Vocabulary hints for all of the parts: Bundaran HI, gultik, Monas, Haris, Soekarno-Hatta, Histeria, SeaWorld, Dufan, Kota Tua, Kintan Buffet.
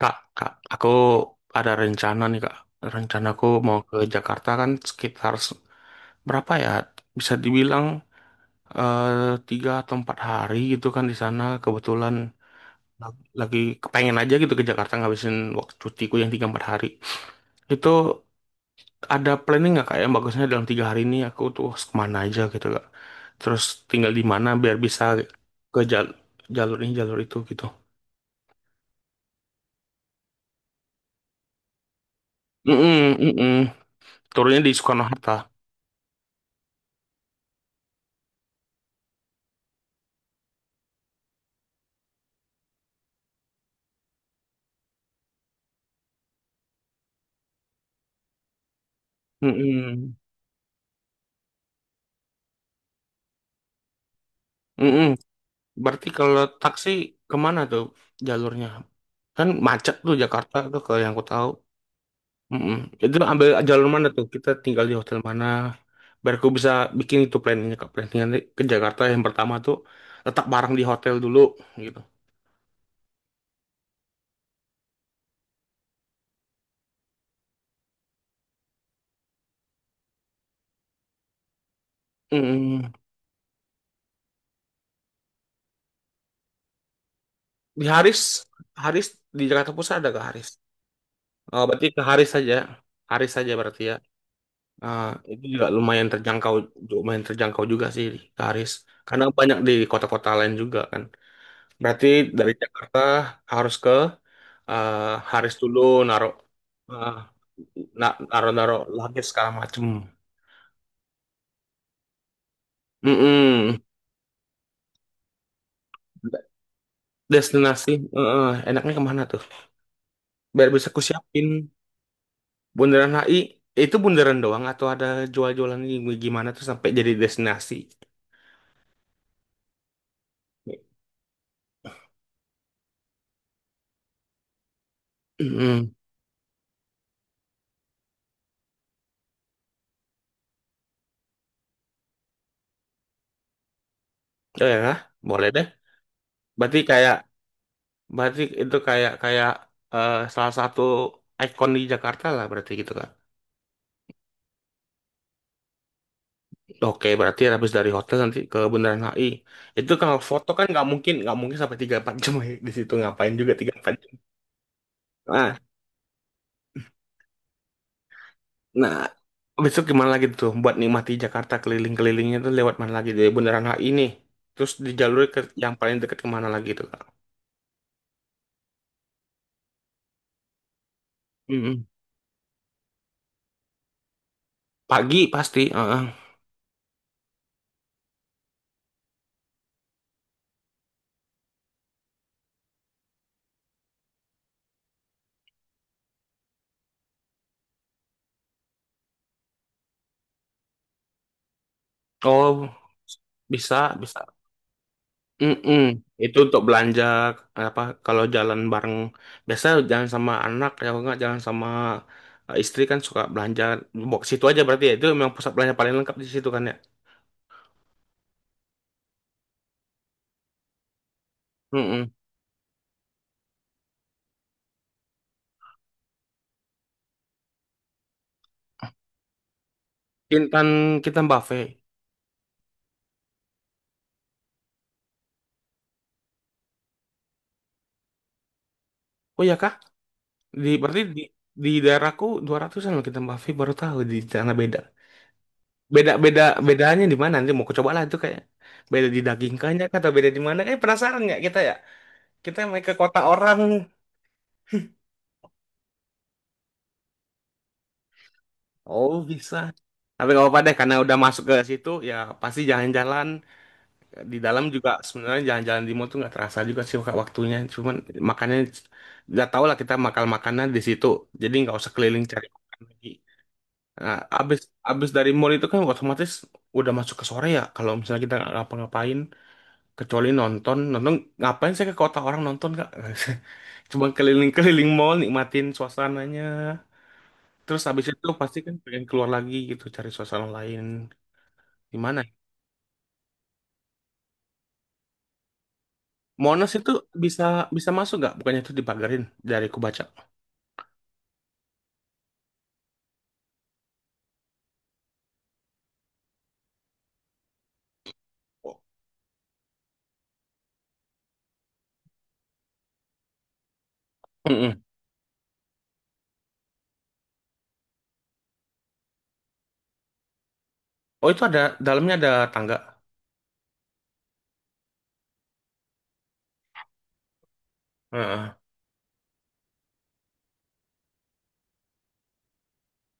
Kak, aku ada rencana nih, kak. Rencanaku mau ke Jakarta kan sekitar berapa ya? Bisa dibilang tiga atau empat hari gitu kan di sana. Kebetulan la- lagi kepengen aja gitu ke Jakarta ngabisin waktu cutiku yang tiga empat hari. Itu ada planning nggak, kak, yang bagusnya dalam tiga hari ini aku tuh harus kemana aja gitu, kak. Terus tinggal di mana biar bisa ke jalur ini jalur itu gitu. Mm -mm, mm Turunnya di Soekarno-Hatta. Mm Berarti kalau taksi kemana tuh jalurnya? Kan macet tuh Jakarta tuh kalau yang aku tahu. Mm-mm. Itu ambil jalur mana tuh? Kita tinggal di hotel mana? Biar aku bisa bikin itu planningnya ke planningan ke Jakarta yang pertama tuh letak barang di hotel dulu gitu. Mm-mm. Di Haris, Haris di Jakarta Pusat ada ke Haris? Oh, berarti ke Haris saja berarti ya. Ah, itu juga lumayan terjangkau juga sih ke Haris. Karena banyak di kota-kota lain juga kan. Berarti dari Jakarta harus ke eh, Haris dulu naruh eh, naruh-naruh luggage segala macem. Mm-mm. Destinasi eh, enaknya kemana tuh? Biar bisa ku siapin Bundaran HI. Itu bundaran doang atau ada jual-jualan ini gimana tuh sampai jadi destinasi? Mm-mm. Oh ya, boleh deh. Berarti kayak Berarti itu kayak kayak salah satu ikon di Jakarta lah berarti gitu kan? Oke, berarti habis dari hotel nanti ke Bundaran HI. Itu kalau foto kan nggak mungkin sampai tiga empat jam ya di situ, ngapain juga tiga empat jam. Nah, nah, besok gimana lagi tuh buat nikmati Jakarta keliling-kelilingnya tuh lewat mana lagi dari Bundaran HI nih. Terus di jalur ke yang paling dekat kemana lagi tuh, Kak? Mm-mm. Pagi pasti. Heeh. Oh, bisa, bisa. Mm-mm. Itu untuk belanja apa kalau jalan bareng biasa jalan sama anak, ya kalau nggak jalan sama istri kan suka belanja box, situ aja berarti ya, itu memang pusat belanja paling lengkap di situ kan ya. Mm-mm. Kintan Kintan Buffet. Oh ya kah? Berarti di daerahku 200 ribuan loh Kintan Buffet, baru tahu di sana beda. Beda, bedanya di mana, nanti mau coba lah itu, kayak beda di daging kanya atau beda di mana? Eh, penasaran nggak kita ya? Kita main ke kota orang. Oh bisa. Tapi nggak apa-apa deh karena udah masuk ke situ ya pasti jalan-jalan di dalam juga, sebenarnya jalan-jalan di mall tuh nggak terasa juga sih Kak, waktunya. Cuman makannya udah tau lah kita makan makanan di situ. Jadi nggak usah keliling cari makan lagi. Nah, abis Abis dari mall itu kan otomatis udah masuk ke sore ya. Kalau misalnya kita nggak ngapa-ngapain kecuali nonton, ngapain saya ke kota orang nonton kak? Cuma keliling-keliling mall nikmatin suasananya. Terus habis itu pasti kan pengen keluar lagi gitu cari suasana lain di mana. Monas itu bisa bisa masuk nggak? Bukannya itu dipagarin dari ku baca. Oh, mm-mm. Oh, itu ada dalamnya, ada tangga. Heeh.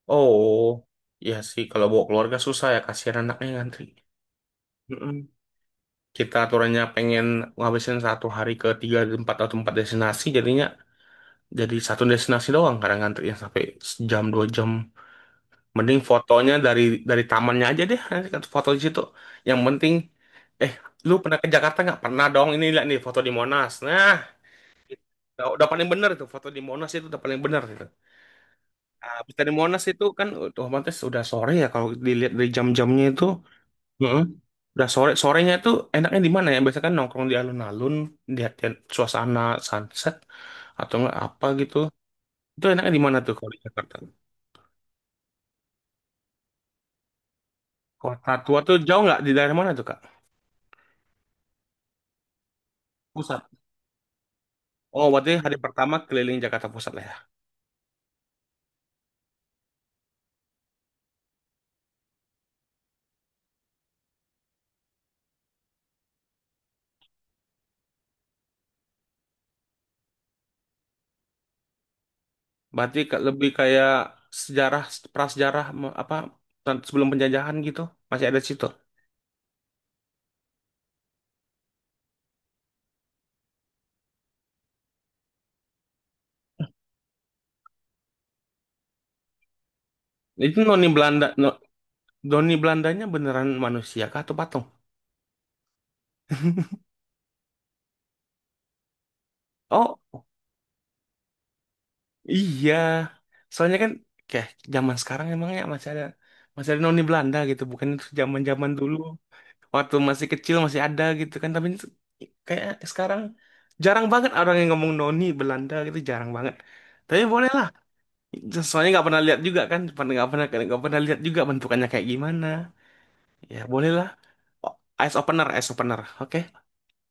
Oh, iya sih kalau bawa keluarga susah ya, kasihan anaknya ngantri. Mm-mm. Kita aturannya pengen ngabisin satu hari ke tiga empat atau empat destinasi, jadinya jadi satu destinasi doang kadang ngantrinya sampai sejam dua jam. Mending fotonya dari tamannya aja deh, nanti kan foto di situ. Yang penting, eh, lu pernah ke Jakarta nggak? Pernah dong, ini lihat nih foto di Monas. Nah, itu. Udah paling bener itu, foto di Monas itu udah paling bener itu. Habis dari Monas itu kan otomatis udah sore ya kalau dilihat dari jam-jamnya itu. Heeh. Udah sore, sorenya itu enaknya di mana ya? Biasanya kan nongkrong di alun-alun, lihat lihat suasana sunset atau nggak apa gitu. Itu enaknya di mana tuh kalau di Jakarta? Kota tua tuh jauh nggak? Di daerah mana tuh, Kak? Pusat. Oh, berarti hari pertama keliling Jakarta Pusat lah ya. Berarti ke- lebih kayak sejarah, prasejarah me- apa tan- sebelum penjajahan gitu. Masih ada di situ. Itu noni Belanda, no, noni Belandanya beneran manusia kah atau patung? Oh, iya. Soalnya kan kayak zaman sekarang emangnya masih ada noni Belanda gitu, bukan itu zaman-zaman dulu. Waktu masih kecil masih ada gitu kan, tapi itu kayak sekarang jarang banget orang yang ngomong noni Belanda gitu, jarang banget. Tapi bolehlah. Soalnya nggak pernah lihat juga kan, pernah nggak pernah nggak pernah lihat juga bentukannya kayak gimana. Ya bolehlah. Oh, ice opener. Oke,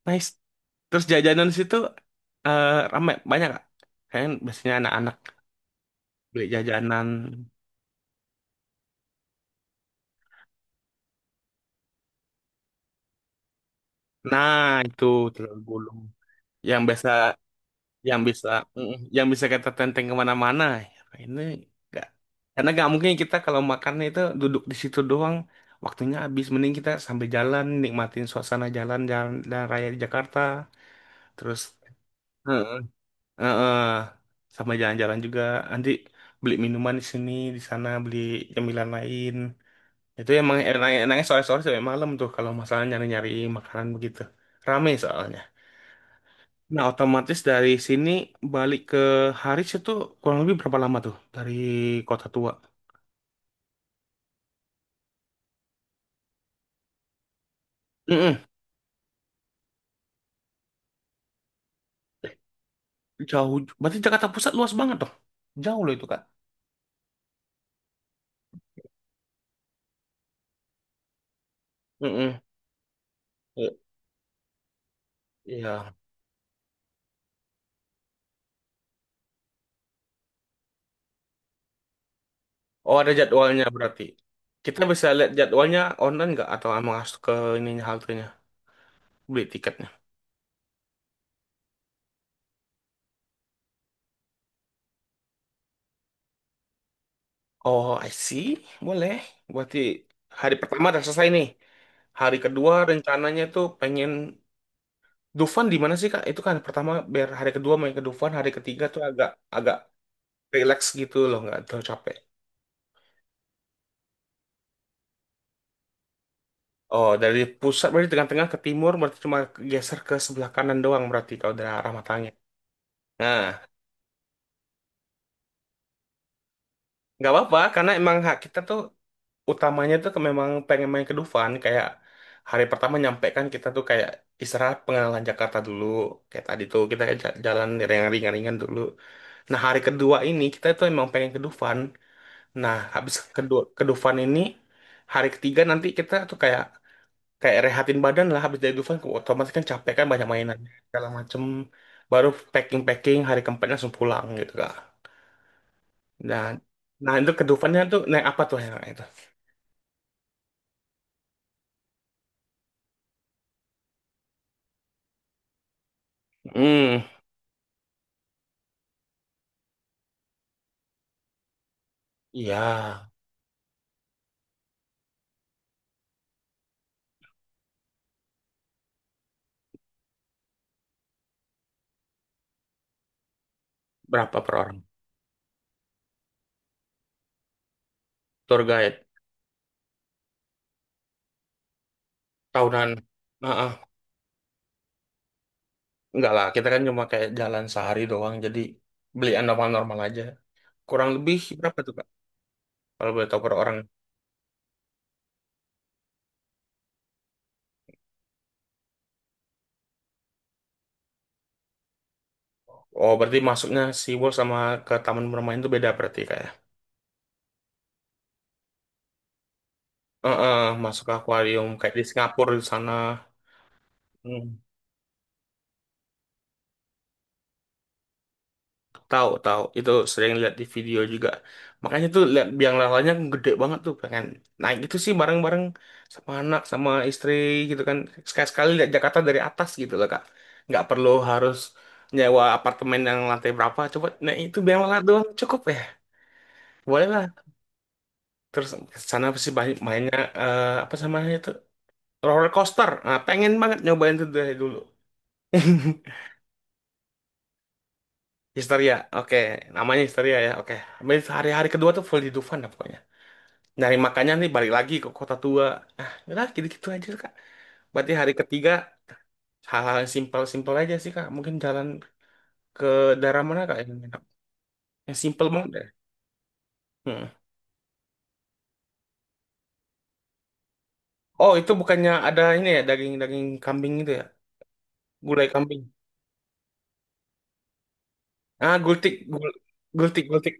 nice. Terus jajanan di situ eh ramai banyak gak? Kayaknya biasanya anak-anak beli jajanan. Nah itu telur gulung yang biasa yang bisa yang bisa kita tenteng kemana-mana. Ya, Ini nggak karena nggak mungkin kita kalau makannya itu duduk di situ doang. Waktunya habis, mending kita sambil jalan nikmatin suasana jalan jalan dan raya di Jakarta. Terus Heeh. heeh. sama jalan-jalan juga, nanti beli minuman di sini, di sana beli cemilan lain. Itu emang enak-enaknya sore-sore sampai malam tuh kalau masalah nyari-nyari makanan begitu. Rame soalnya. Nah, otomatis dari sini balik ke Haris itu kurang lebih berapa lama tuh dari Kota Tua? Mm-mm. Jauh, berarti Jakarta Pusat luas banget dong. Jauh loh itu, Kak. Mm-mm. Iya. Oh ada jadwalnya berarti. Kita bisa lihat jadwalnya online nggak atau emang harus ke ininya, haltenya beli tiketnya? Oh I see, boleh. Berarti hari pertama udah selesai nih. Hari kedua rencananya tuh pengen Dufan, di mana sih Kak? Itu kan pertama biar hari kedua main ke Dufan, hari ketiga tuh agak agak relax gitu loh, nggak terlalu capek. Oh, dari pusat berarti tengah-tengah ke timur berarti cuma geser ke sebelah kanan doang berarti kalau dari arah matanya. Nah, nggak apa-apa karena emang hak kita tuh utamanya tuh ke- memang pengen main ke Dufan, kayak hari pertama nyampe kan kita tuh kayak istirahat pengalaman Jakarta dulu kayak tadi tuh kita jalan yang ringan-ringan dulu, nah hari kedua ini kita tuh emang pengen ke Dufan, nah habis kedua ke Dufan ini hari ketiga nanti kita tuh kayak kayak rehatin badan lah habis dari Dufan ke- otomatis kan capek kan banyak mainan segala macem, baru packing-packing hari keempat langsung pulang gitu kak. Nah nah itu ke Dufannya tuh naik apa tuh yang itu. Hmm. Iya berapa per orang? Tour guide tahunan. Nah, ah. Enggak lah, kita kan cuma kayak jalan sehari doang, jadi beli normal-normal aja. Kurang lebih berapa tuh, Kak? Kalau boleh tahu per orang. Oh, berarti masuknya SeaWorld sama ke taman bermain itu beda berarti kayak. Ah ah, masuk ke akuarium kayak di Singapura di sana. Hmm. Tahu, tahu. Itu sering lihat di video juga. Makanya tuh lihat biang lalanya gede banget tuh pengen naik itu sih bareng-bareng sama anak sama istri gitu kan. Sekali-sekali lihat Jakarta dari atas gitu loh, Kak. Nggak perlu harus nyewa apartemen yang lantai berapa. Coba naik itu biang lala doang cukup ya. Boleh lah. Terus ke sana pasti banyak mainnya eh, apa sama itu roller coaster. Nah, pengen banget nyobain itu dari dulu. Oke, namanya histeria ya, oke. Habis hari-hari kedua tuh full di Dufan dah pokoknya. Nyari makannya nih balik lagi ke kota tua, ah udah gitu-gitu aja kak. Berarti hari ketiga hal-hal yang simpel-simpel aja sih kak, mungkin jalan ke daerah mana kak yang enak, yang simpel banget deh. Hmm. Oh itu bukannya ada ini ya, daging-daging kambing itu ya, gulai kambing? ah gultik gul gultik gultik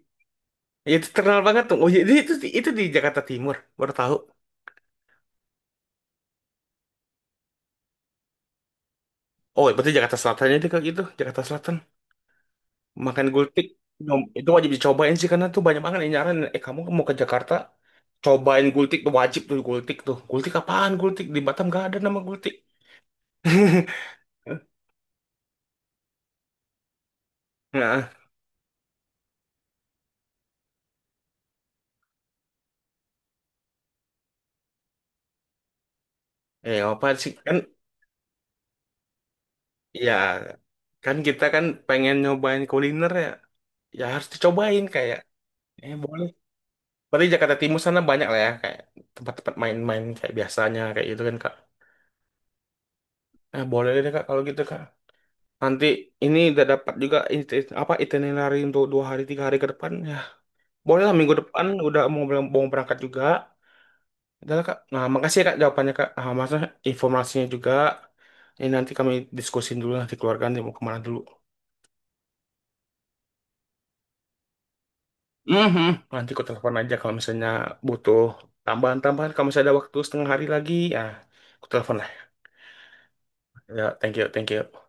Ya, itu terkenal banget tuh, oh iya, itu di Jakarta Timur baru tahu. Oh ya, berarti Jakarta Selatannya itu kayak gitu, Jakarta Selatan. Makan gultik. Itu wajib dicobain sih, karena tuh banyak banget yang nyaran eh, kamu mau ke Jakarta cobain gultik tuh wajib, tuh gultik apaan, gultik di Batam gak ada nama gultik. Nah eh apa sih kan, ya kan kita kan pengen nyobain kuliner ya, ya harus dicobain kayak eh boleh, berarti Jakarta Timur sana banyak lah ya kayak tempat-tempat main-main kayak biasanya kayak gitu kan kak. Eh boleh deh kak, kalau gitu kak nanti ini udah dapat juga iti- apa itinerary untuk dua hari tiga hari ke depan ya. Boleh lah minggu depan udah mau berangkat juga. Udah lah, Kak. Nah, makasih ya, Kak, jawabannya Kak. Ah, maksudnya informasinya juga. Ini nanti kami diskusin dulu nanti keluarga nanti mau kemana dulu. Mhm. Nanti aku telepon aja kalau misalnya butuh tambahan-tambahan. Kalau misalnya ada waktu setengah hari lagi, ya aku telepon lah. Ya, thank you, thank you.